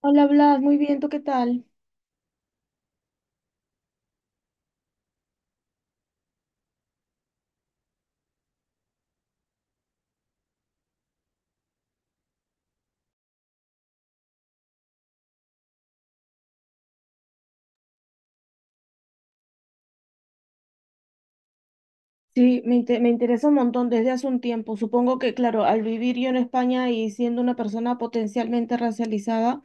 Hola Blas, muy bien, ¿tú qué tal? Sí, me interesa un montón desde hace un tiempo. Supongo que, claro, al vivir yo en España y siendo una persona potencialmente racializada,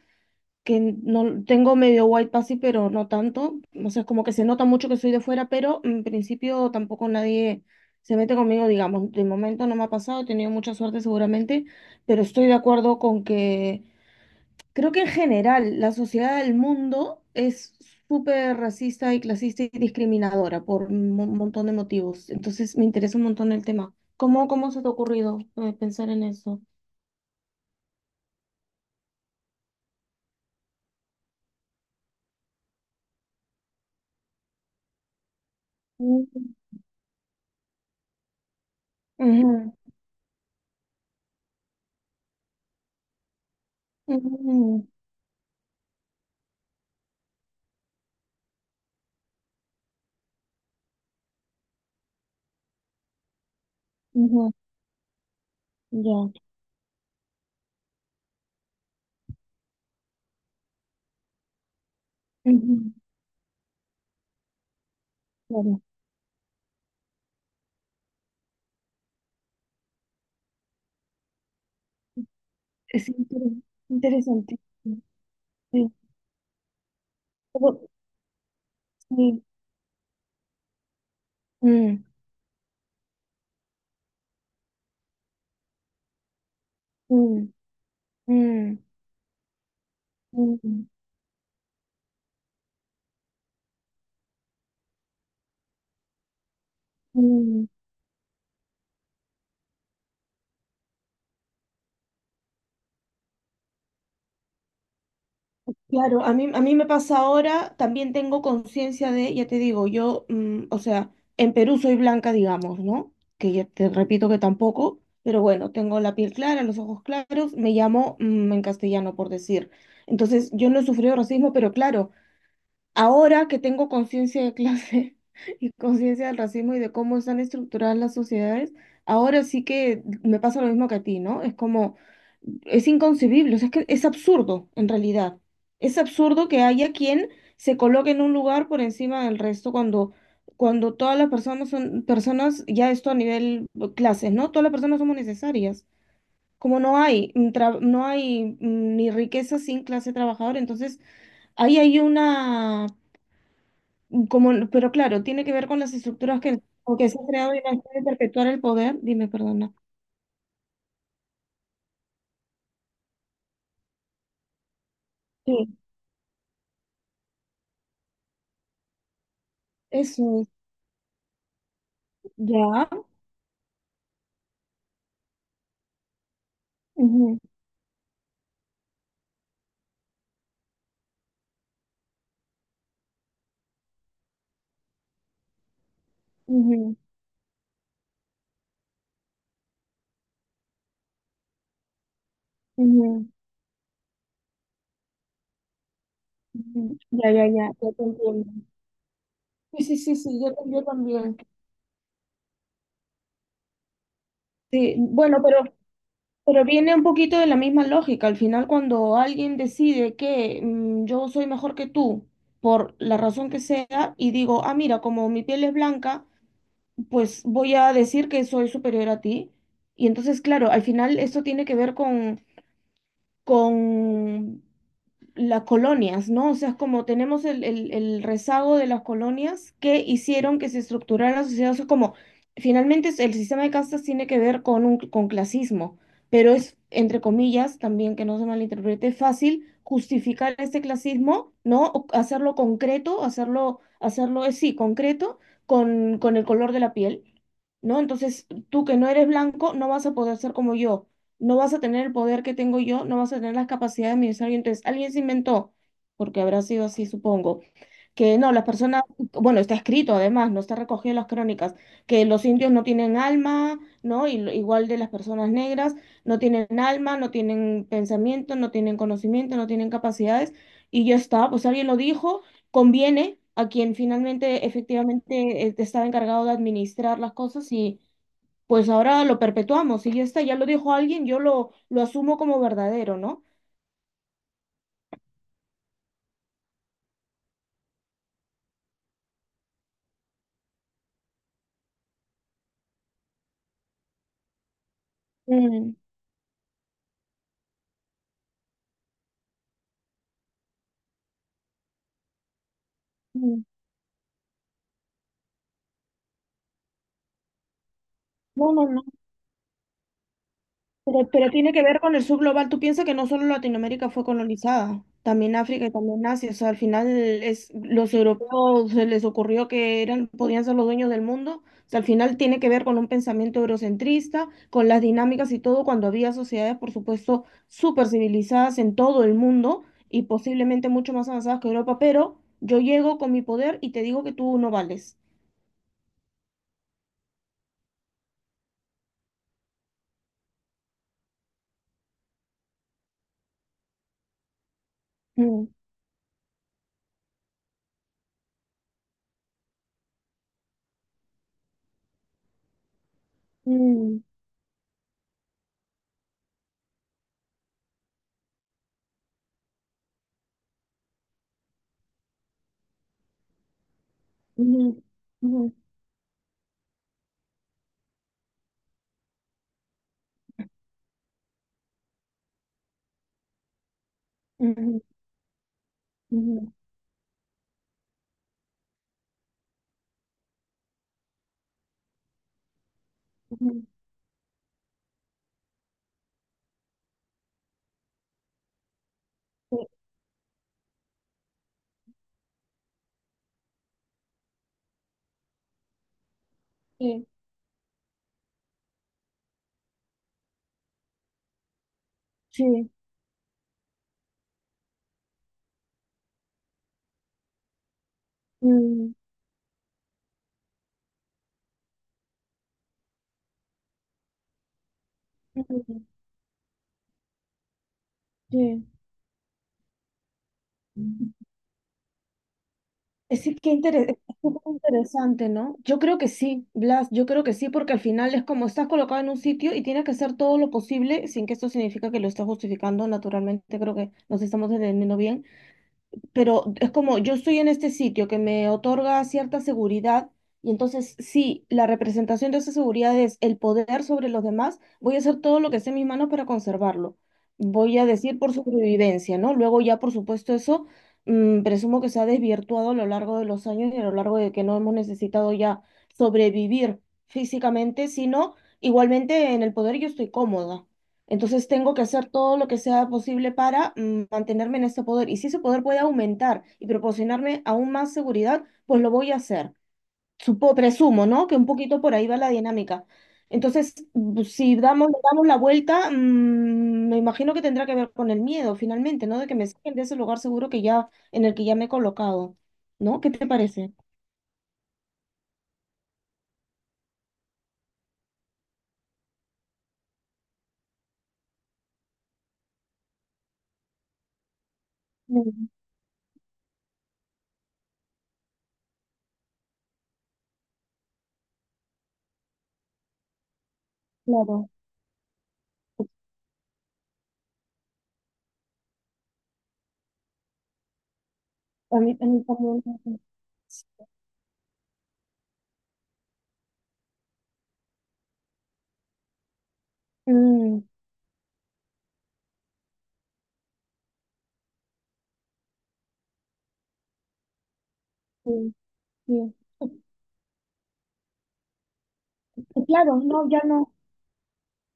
que no tengo medio white passy, pero no tanto, o sea, es como que se nota mucho que soy de fuera, pero en principio tampoco nadie se mete conmigo, digamos. De momento no me ha pasado, he tenido mucha suerte seguramente, pero estoy de acuerdo con que creo que en general la sociedad del mundo es súper racista y clasista y discriminadora por un montón de motivos. Entonces me interesa un montón el tema. ¿Cómo se te ha ocurrido pensar en eso? Mm, ujú, ujú, ujú, ya, ujú, claro. Es inter- Interesante. Sí. Pero- sí. Mm, mm, mm, mm, mm. Claro, a mí me pasa ahora, también tengo conciencia de, ya te digo, yo, o sea, en Perú soy blanca, digamos, ¿no? Que ya te repito que tampoco, pero bueno, tengo la piel clara, los ojos claros, me llamo, en castellano, por decir. Entonces, yo no he sufrido racismo, pero claro, ahora que tengo conciencia de clase y conciencia del racismo y de cómo están estructuradas las sociedades, ahora sí que me pasa lo mismo que a ti, ¿no? Es como, es inconcebible, o sea, es que es absurdo en realidad. Es absurdo que haya quien se coloque en un lugar por encima del resto cuando, cuando todas las personas son personas, ya esto a nivel clases, ¿no? Todas las personas somos necesarias. Como no hay, no hay ni riqueza sin clase trabajadora, entonces ahí hay una como, pero claro, tiene que ver con las estructuras que, o que se ha creado y las puede perpetuar el poder. Dime, perdona. Sí, eso es. Ya. Ujú, ujú, ujú, ujú. Ya, ya, ya, ya te entiendo. Sí, sí, sí, sí, yo también. Sí, bueno, pero viene un poquito de la misma lógica. Al final, cuando alguien decide que yo soy mejor que tú, por la razón que sea, y digo, ah, mira, como mi piel es blanca, pues voy a decir que soy superior a ti. Y entonces, claro, al final esto tiene que ver con las colonias, ¿no? O sea, es como tenemos el, el rezago de las colonias que hicieron que se estructurara la sociedad. O sea, como finalmente el sistema de castas tiene que ver con, un, con clasismo, pero es, entre comillas, también que no se malinterprete, fácil justificar este clasismo, ¿no? O hacerlo concreto, hacerlo, sí, concreto con el color de la piel, ¿no? Entonces, tú que no eres blanco, no vas a poder ser como yo, no vas a tener el poder que tengo yo, no vas a tener las capacidades de administrar yo. Entonces, alguien se inventó, porque habrá sido así, supongo, que no, las personas, bueno, está escrito además, no está recogido en las crónicas, que los indios no tienen alma, ¿no? Y, igual de las personas negras, no tienen alma, no tienen pensamiento, no tienen conocimiento, no tienen capacidades, y ya está, pues alguien lo dijo, conviene a quien finalmente efectivamente estaba encargado de administrar las cosas y, pues ahora lo perpetuamos. Si ya está, ya lo dijo alguien, yo lo asumo como verdadero, ¿no? Mm, mm. No, no, no. Pero tiene que ver con el subglobal. Tú piensas que no solo Latinoamérica fue colonizada, también África y también Asia. O sea, al final es, los europeos se les ocurrió que eran, podían ser los dueños del mundo. O sea, al final tiene que ver con un pensamiento eurocentrista, con las dinámicas y todo, cuando había sociedades, por supuesto, súper civilizadas en todo el mundo y posiblemente mucho más avanzadas que Europa. Pero yo llego con mi poder y te digo que tú no vales. Mm, mm, ujú, ujú, ujú, ujú, ujú. Sí, sí, sí. Mm, mm, sí. Es que es súper interesante, ¿no? Yo creo que sí, Blas, yo creo que sí, porque al final es como estás colocado en un sitio y tienes que hacer todo lo posible, sin que esto significa que lo estás justificando, naturalmente creo que nos estamos entendiendo bien, pero es como yo estoy en este sitio que me otorga cierta seguridad y entonces si la representación de esa seguridad es el poder sobre los demás, voy a hacer todo lo que esté en mis manos para conservarlo. Voy a decir por supervivencia, ¿no? Luego ya, por supuesto, eso presumo que se ha desvirtuado a lo largo de los años y a lo largo de que no hemos necesitado ya sobrevivir físicamente, sino igualmente en el poder yo estoy cómoda. Entonces tengo que hacer todo lo que sea posible para mantenerme en ese poder. Y si ese poder puede aumentar y proporcionarme aún más seguridad, pues lo voy a hacer. Supo, presumo, ¿no? Que un poquito por ahí va la dinámica. Entonces, si damos, le damos la vuelta, me imagino que tendrá que ver con el miedo finalmente, ¿no? De que me saquen de ese lugar seguro que ya, en el que ya me he colocado, ¿no? ¿Qué te parece? Mm, Claro, a mí también. Mm, sí, sí. Claro, no, ya no.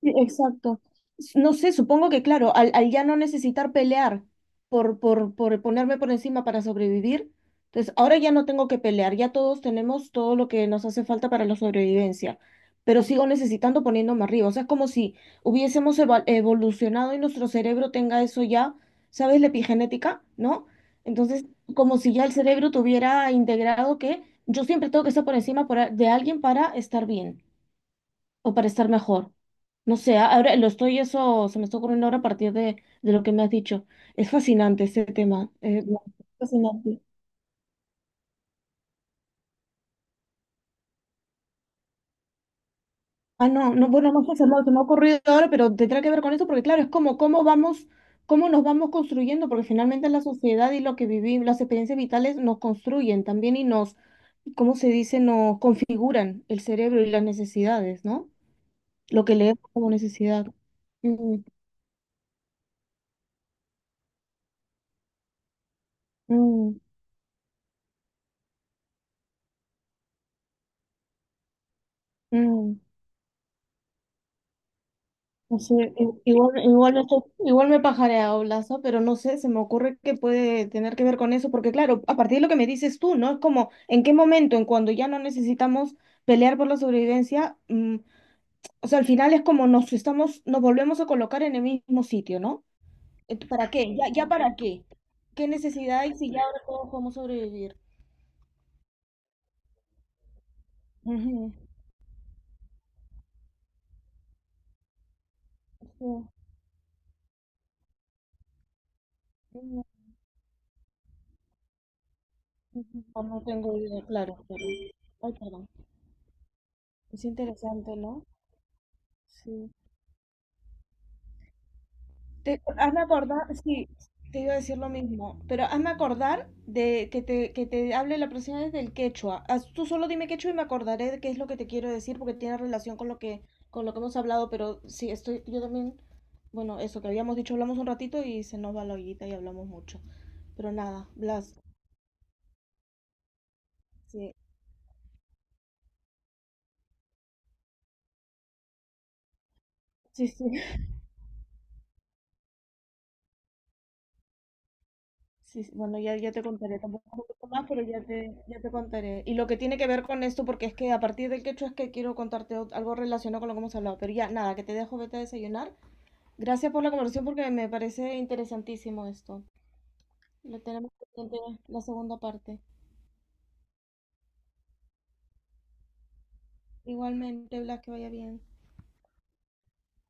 Sí, exacto. No sé, supongo que claro, al ya no necesitar pelear por ponerme por encima para sobrevivir, entonces ahora ya no tengo que pelear, ya todos tenemos todo lo que nos hace falta para la sobrevivencia, pero sigo necesitando poniéndome arriba. O sea, es como si evolucionado y nuestro cerebro tenga eso ya, ¿sabes? La epigenética, ¿no? Entonces, como si ya el cerebro tuviera integrado que yo siempre tengo que estar por encima por de alguien para estar bien o para estar mejor. No sé, ahora lo estoy, eso se me está ocurriendo ahora a partir de lo que me has dicho. Es fascinante este tema. No, es fascinante. Ah, no, no, bueno, no sé, se me ha ocurrido ahora, pero tendrá que ver con eso, porque claro, es como cómo vamos, cómo nos vamos construyendo, porque finalmente la sociedad y lo que vivimos, las experiencias vitales nos construyen también y nos, ¿cómo se dice? Nos configuran el cerebro y las necesidades, ¿no? Lo que leemos como necesidad. Mm, mm, mm. Sí, igual, igual, igual me pajareado Lazo, pero no sé, se me ocurre que puede tener que ver con eso, porque claro, a partir de lo que me dices tú, ¿no? Es como, ¿en qué momento, en cuando ya no necesitamos pelear por la sobrevivencia? O sea, al final es como nos estamos, nos volvemos a colocar en el mismo sitio, ¿no? ¿Para qué? ¿Ya, ya para qué? ¿Qué necesidad hay si ya ahora todos podemos sobrevivir? Ujú, sí. No, no tengo idea, claro, pero... Ay, perdón. Es interesante, ¿no? Sí. Te, hazme acordar, sí, te iba a decir lo mismo, pero hazme acordar de que que te hable la próxima vez del quechua. Tú solo dime quechua y me acordaré de qué es lo que te quiero decir porque tiene relación con lo que hemos hablado, pero sí, estoy, yo también, bueno, eso que habíamos dicho, hablamos un ratito y se nos va la ollita y hablamos mucho. Pero nada, Blas, sí, sí, sí. Sí, sí, bueno, ya, ya te contaré, tampoco un poco más, pero ya te contaré. Y lo que tiene que ver con esto, porque es que a partir del quechua es que quiero contarte algo relacionado con lo que hemos hablado, pero ya, nada, que te dejo, vete a desayunar. Gracias por la conversación porque me parece interesantísimo esto. Lo tenemos pendiente la segunda parte. Igualmente, Blas, que vaya bien.